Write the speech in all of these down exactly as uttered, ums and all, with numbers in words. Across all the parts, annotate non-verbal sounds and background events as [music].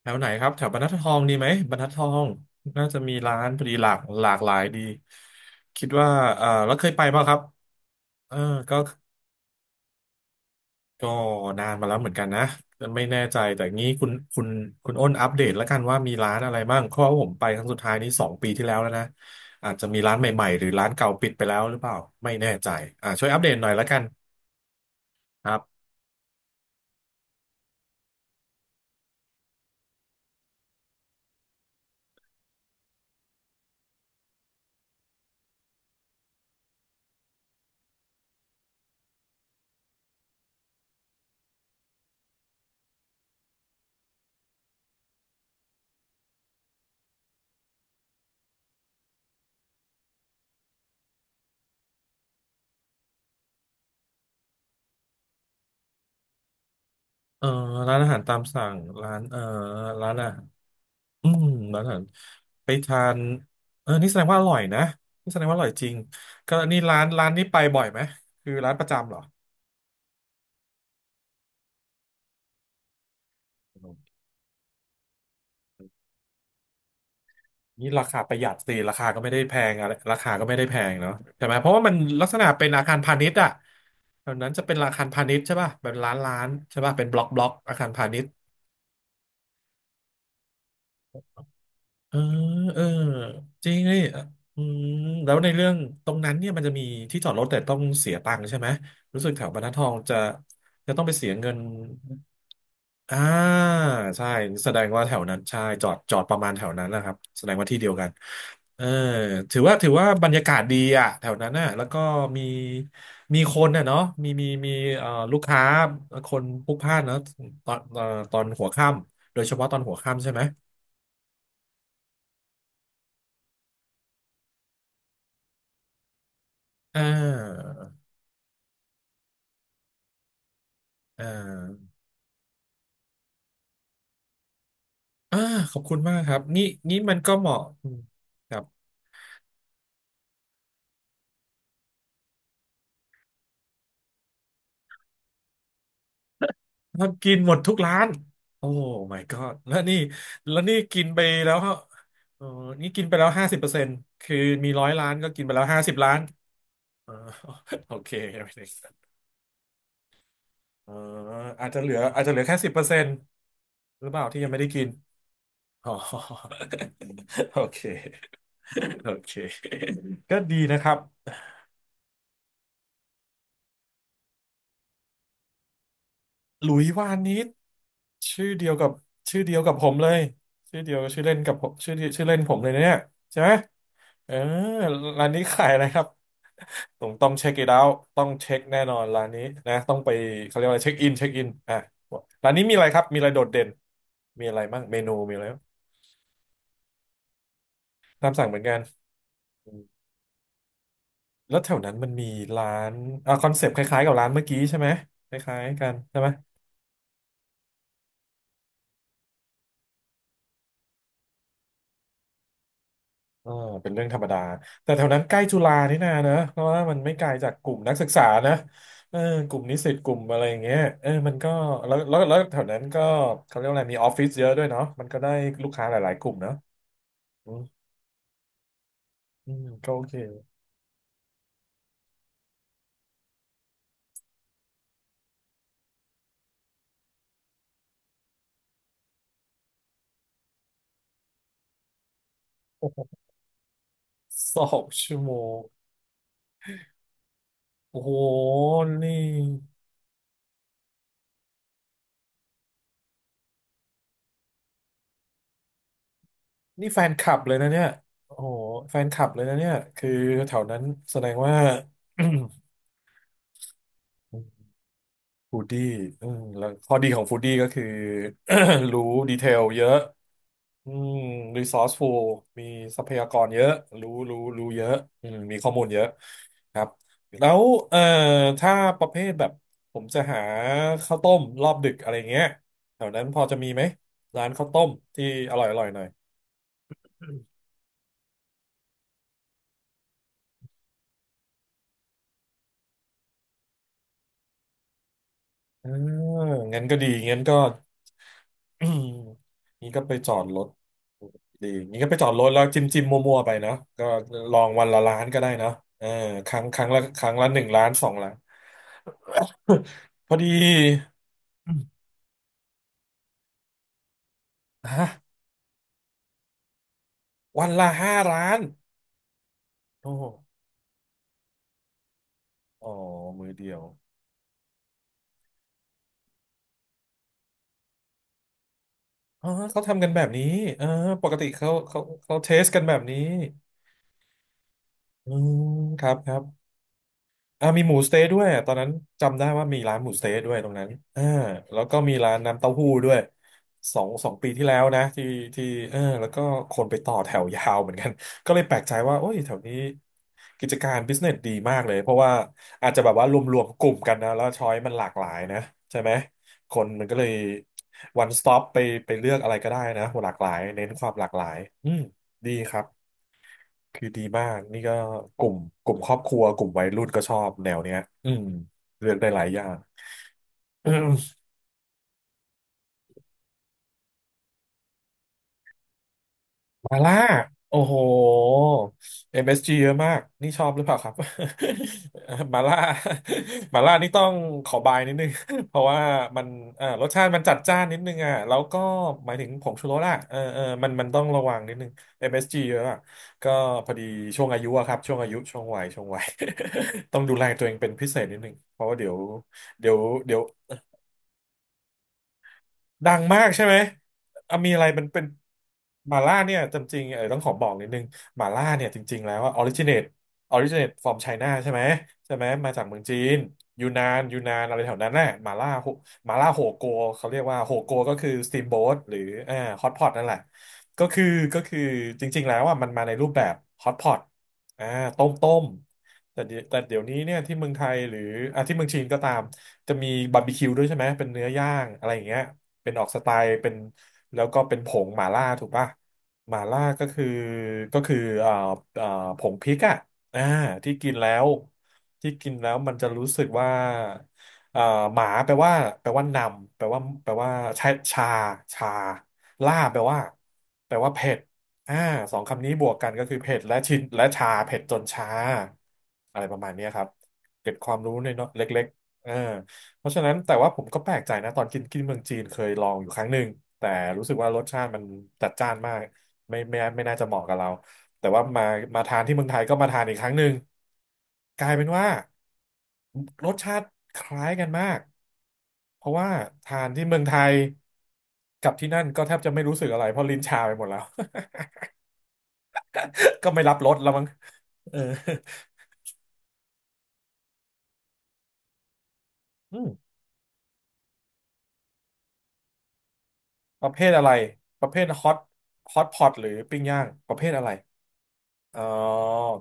แถวไหนครับแถวบรรทัดทองดีไหมบรรทัดทองน่าจะมีร้านพอดีหลากหลากหลายดีคิดว่าเออแล้วเคยไปป่ะครับเออก็ก็นานมาแล้วเหมือนกันนะไม่แน่ใจแต่งี้คุณคุณคุณอ้นอัปเดตแล้วกันว่ามีร้านอะไรบ้างเพราะว่าผมไปครั้งสุดท้ายนี้สองปีที่แล้วแล้วนะอาจจะมีร้านใหม่ๆหรือร้านเก่าปิดไปแล้วหรือเปล่าไม่แน่ใจอ่าช่วยอัปเดตหน่อยแล้วกันครับเออร้านอาหารตามสั่งร้านเออร้านอ่ะ อืมร้านอาหารไปทานเออนี่แสดงว่าอร่อยนะนี่แสดงว่าอร่อยจริงก็นี่ร้านร้านนี้ไปบ่อยไหมคือร้านประจำเหรอนี่ราคาประหยัดสิราคาก็ไม่ได้แพงอะไรราคาก็ไม่ได้แพงเนาะใช่ไหมเพราะว่ามันลักษณะเป็นอาคารพาณิชย์อะแถวนั้นจะเป็นอาคารพาณิชย์ใช่ป่ะเป็นร้านร้านใช่ป่ะเป็นบล็อกบล็อกอาคารพาณิชย์เออเออจริงนี่อืมแล้วในเรื่องตรงนั้นเนี่ยมันจะมีที่จอดรถแต่ต้องเสียตังค์ใช่ไหมรู้สึกแถวบรรทัดทองจะจะต้องไปเสียเงิน อ่าใช่แสดงว่าแถวนั้นใช่จอดจอดประมาณแถวนั้นนะครับแสดงว่าที่เดียวกันเออถือว่าถือว่าบรรยากาศดีอ่ะแถวนั้นน่ะแล้วก็มีมีคนน่ะเนาะมีมีมีเอ่อลูกค้าคนพลุกพล่านเนาะตอนเอ่อตอนหัวค่ำโดยเฉพาะตอนหัวค่ำใช่ไหมอ่าอ่าอ่าขอบคุณมากครับนี่นี่มันก็เหมาะอืมครับ ครับกินหมดทุกร้านโอ้ my god แล้วนี่แล้วนี่กินไปแล้วเออนี่กินไปแล้วห้าสิบเปอร์เซ็นต์คือมีร้อยล้านก็กินไปแล้วห้าสิบล้านเออ [laughs] โอเคเอออาจจะเหลืออาจจะเหลือแค่สิบเปอร์เซ็นต์หรือเปล่าที่ยังไม่ได้กิน [laughs] อ๋อโอเคโอเคก็ดีนะครับ หลุยวานิชชื่อเดียวกับชื่อเดียวกับผมเลยชื่อเดียวชื่อเล่นกับผมชื่อเดียวชื่อเล่นผมเลยนะเนี่ยใช่ไหมเออร้านนี้ขายอะไรครับต้องต้องเช็คอีกแล้วต้องเช็คแน่นอนร้านนี้นะต้องไปเขาเรียกว่าอะไรเช็คอินเช็คอินอ่ะร้านนี้มีอะไรครับมีอะไรโดดเด่นมีอะไรบ้างเมนูมีอะไรบ้างตามสั่งเหมือนกันอืมแล้วแถวนั้นมันมีร้านอ่ะคอนเซปต์คล้ายๆกับร้านเมื่อกี้ใช่ไหมคล้ายๆกันใช่ไหม เออเป็นเรื่องธรรมดาแต่แถวนั้นใกล้จุฬานี่นาเนอะเพราะว่ามันไม่ไกลจากกลุ่มนักศึกษานะเออกลุ่มนิสิตกลุ่มอะไรอย่างเงี้ยเออมันก็แล้วแล้วแล้วแถวนั้นก็เขาเรียกว่าอะไรมีออฟฟิศเยอะด้วยเนาะมันก็ได้ลูกค้าหลายๆกลุ่มเนาะอืมอืมก็โอเคโอ้โหสองชั่วโมงโอ้โหนี่นี่แฟนคลับเลยนะเนี่ยโอ้โหแฟนคลับเลยนะเนี่ยคือแถวนั้นแสดงว่า [coughs] [clears throat] ฟูดดี้อืมแล้วข้อดีของฟูดดี้ก็คือ [coughs] รู้ดีเทลเยอะอืมรีซอสฟูลมีทรัพยากรเยอะรู้รู้รู้เยอะอืมมีข้อมูลเยอะครับแล้วเอ่อถ้าประเภทแบบผมจะหาข้าวต้มรอบดึกอะไรเงี้ยแถวนั้นพอจะมีไหมร้านข้าวต้มที่อร่อยอร่อยหน่อยเงั้นก็ดีงั้นก็ [coughs] [clears throat] นี่ก็ไปจอดรถ ดีงี้ก็ไปจอดรถแล้วจิ้มจิ้มมั่วๆไปเนาะก็ลองวันละล้านก็ได้เนาะเออครั้งครั้งละครั้งละหนึ่งล้านสองล้าน [laughs] พอดีอืมฮะวันละห้าล้านโอ้โหอ๋อมือเดียวอ๋อเขาทำกันแบบนี้เออปกติเขาเขาเขาเทสกันแบบนี้อืมครับครับ อ่ามีหมูสเต๊ะด้วยอะตอนนั้นจำได้ว่ามีร้านหมูสเต๊ะด้วยตรงนั้นอ่าแล้วก็มีร้านน้ำเต้าหู้ด้วยสองสองปีที่แล้วนะที่ที่เออแล้วก็คนไปต่อแถวยาวเหมือนกัน [laughs] ก็เลยแปลกใจว่าโอ้ยแถวนี้กิจการบิสเนสดีมากเลยเพราะว่าอาจจะแบบว่ารวมๆกลุ่มกันนะแล้วช้อยมันหลากหลายนะใช่ไหมคนมันก็เลย one stop ไปไปเลือกอะไรก็ได้นะหลากหลายเน้นความหลากหลายอืมดีครับ คือดีมากนี่ก็กลุ่มกลุ่มครอบครัวกลุ่มวัยรุ่นก็ชอบแนวเนี้ยอืมเลือกได้หลายอย่าง มาล่าโอ้โห เอ็ม เอส จี เอสจีเยอะมากนี่ชอบหรือเปล่าครับ [laughs] มาล่ามาล่านี่ต้องขอบายนิดนึง [laughs] เพราะว่ามันเอ่อรสชาติมันจัดจ้านนิดนึงอ่ะแล้วก็หมายถึงผงชูรสอ่ะเออเออมันมันต้องระวังนิดนึง เอ็ม เอส จี เอสจีเยอะอะก็พอดีช่วงอายุอะครับช่วงอายุช่วงวัยช่วงวัย [laughs] ต้องดูแลตัวเองเป็นพิเศษนิดนึงเพราะว่าเดี๋ยวเดี๋ยวเดี๋ยว ดังมากใช่ไหมอ่ะมีอะไรมันเป็นหม่าล่าเนี่ยจำจริงเออต้องขอบอกนิดนึงหม่าล่าเนี่ยจริงๆแล้วว่าออริจิน t e ออริจิน t ต from China ใช่ไหมใช่ไหมมาจากเมืองจีนยูนานยูนานอะไรแถวนั้นน่ะหม่าล่าโฮหม่าล่าโฮโกเขาเรียกว่าโฮโกก็คือสต a มโบ a t หรืออ่าฮอตพอตนั่นแหละก็คือก็คือจริงๆแล้วอ่ะมันมาในรูปแบบฮอตพอตอ่าต้มต้มแต่เดี๋ยวแต่เดี๋ยวนี้เนี่ยที่เมืองไทยหรืออ่ะที่เมืองจีนก็ตามจะมีบาร์บีคิวด้วยใช่ไหมเป็นเนื้อย่างอะไรอย่างเงี้ย เป็นออกสไตล์เป็นแล้วก็เป็นผงหม่าล่าถูกป่ะหม่าล่าก็คือก็คือเอ่อเอ่อผงพริกอ่ะอ่าที่กินแล้วที่กินแล้วมันจะรู้สึกว่าเอ่อหมาแปลว่าแปลว่านำแปลว่าแปลว่าชาชาชาล่าแปลว่าแปลว่าเผ็ดอ่าสองคำนี้บวกกันก็คือเผ็ดและชินและชาเผ็ดจนชาอะไรประมาณเนี้ยครับเก็บความรู้ในเนาะเล็กๆเออ เพราะฉะนั้นแต่ว่าผมก็แปลกใจนะตอนกินกินเมืองจีนเคยลองอยู่ครั้งหนึ่งแต่รู้สึกว่ารสชาติมันจัดจ้านมากไม่ไม่ไม่น่าจะเหมาะกับเราแต่ว่ามามาทานที่เมืองไทยก็มาทานอีกครั้งหนึ่งกลายเป็นว่ารสชาติคล้ายกันมากเพราะว่าทานที่เมืองไทยกับที่นั่นก็แทบจะไม่รู้สึกอะไรเพราะลิ้นชาไปหมดแล้ว [laughs] ก็ไม่รับรสแล้วมั้งเอออืมประเภทอะไรประเภทฮอตฮอตพอตหรือปิ้งย่างประเภทอะไร อ๋อ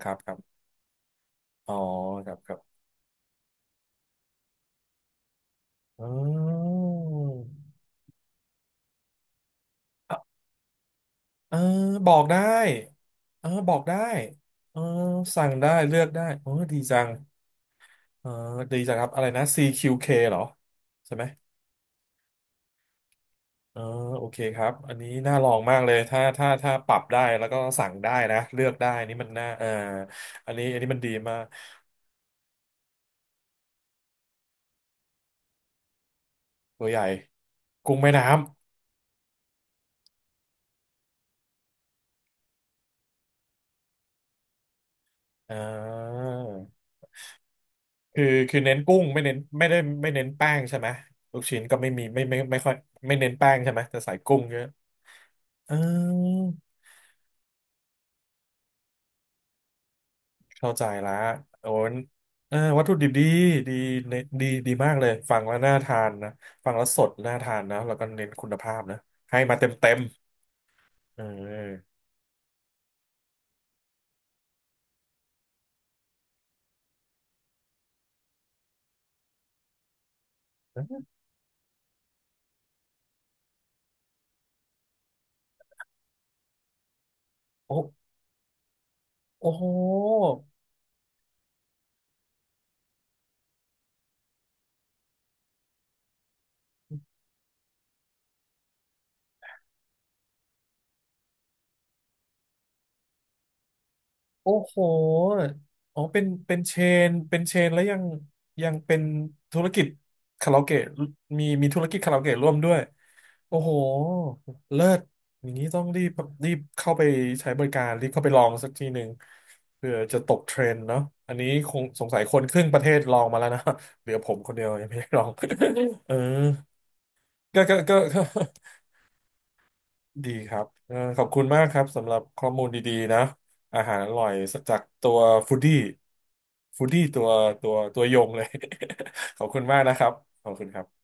ครับครับอ๋อครับครับอ๋ออ่ะเออบอกได้เออบอกได้เออสั่งได้เลือกได้โอ้ดีจังเออดีจังครับอะไรนะ ซี คิว เค เคเหรอใช่ไหมเออโอเคครับอันนี้น่าลองมากเลยถ้าถ้าถ้าปรับได้แล้วก็สั่งได้นะเลือกได้นี่มันน่าเอออันนี้อันนี้มันดีมากตัวใหญ่กุ้งแม่น้ำอ่า คือคือเน้นกุ้งไม่เน้นไม่ได้ไม่เน้นแป้งใช่ไหมลูกชิ้นก็ไม่มีไม่ไม่ไม่ค่อยไม่เน้นแป้งใช่ไหมแต่ใส่กุ้งเยอะอมเข้าใจละโอ้ยเออวัตถุดิบดีดีเน้นดีดีมากเลยฟังแล้วน่าทานนะฟังแล้วสดน่าทานนะแล้วก็เน้นคุณภาพนะให้มาเต็มเต็มเออโอ้โอ้โห โอ้โหอ๋อเป็นเป็นเชนเป็นเชนแล้วยังยังเป็นธุรกิจคาราโอเกะมีมีธุรกิจคาราโอเกะร่วมด้วย โอ้โห เลิศอย่างนี้ต้องรีบรีบเข้าไปใช้บริการรีบเข้าไปลองสักทีหนึ่งเพื่อจะตกเทรนด์เนาะอันนี้คงสงสัยคนครึ่งประเทศลองมาแล้วนะ [laughs] เหลือผมคนเดียวยังไม่ได้ลอง [laughs] เออ ก็ก็ก็ ดีครับเอ่อขอบคุณมากครับสำหรับข้อมูลดีๆนะอาหารอร่อยสักจากตัวฟู้ดี้ฟู้ดี้ตัวตัวตัวยงเลย [laughs] ขอบคุณมากนะครับ ขอบคุณครับ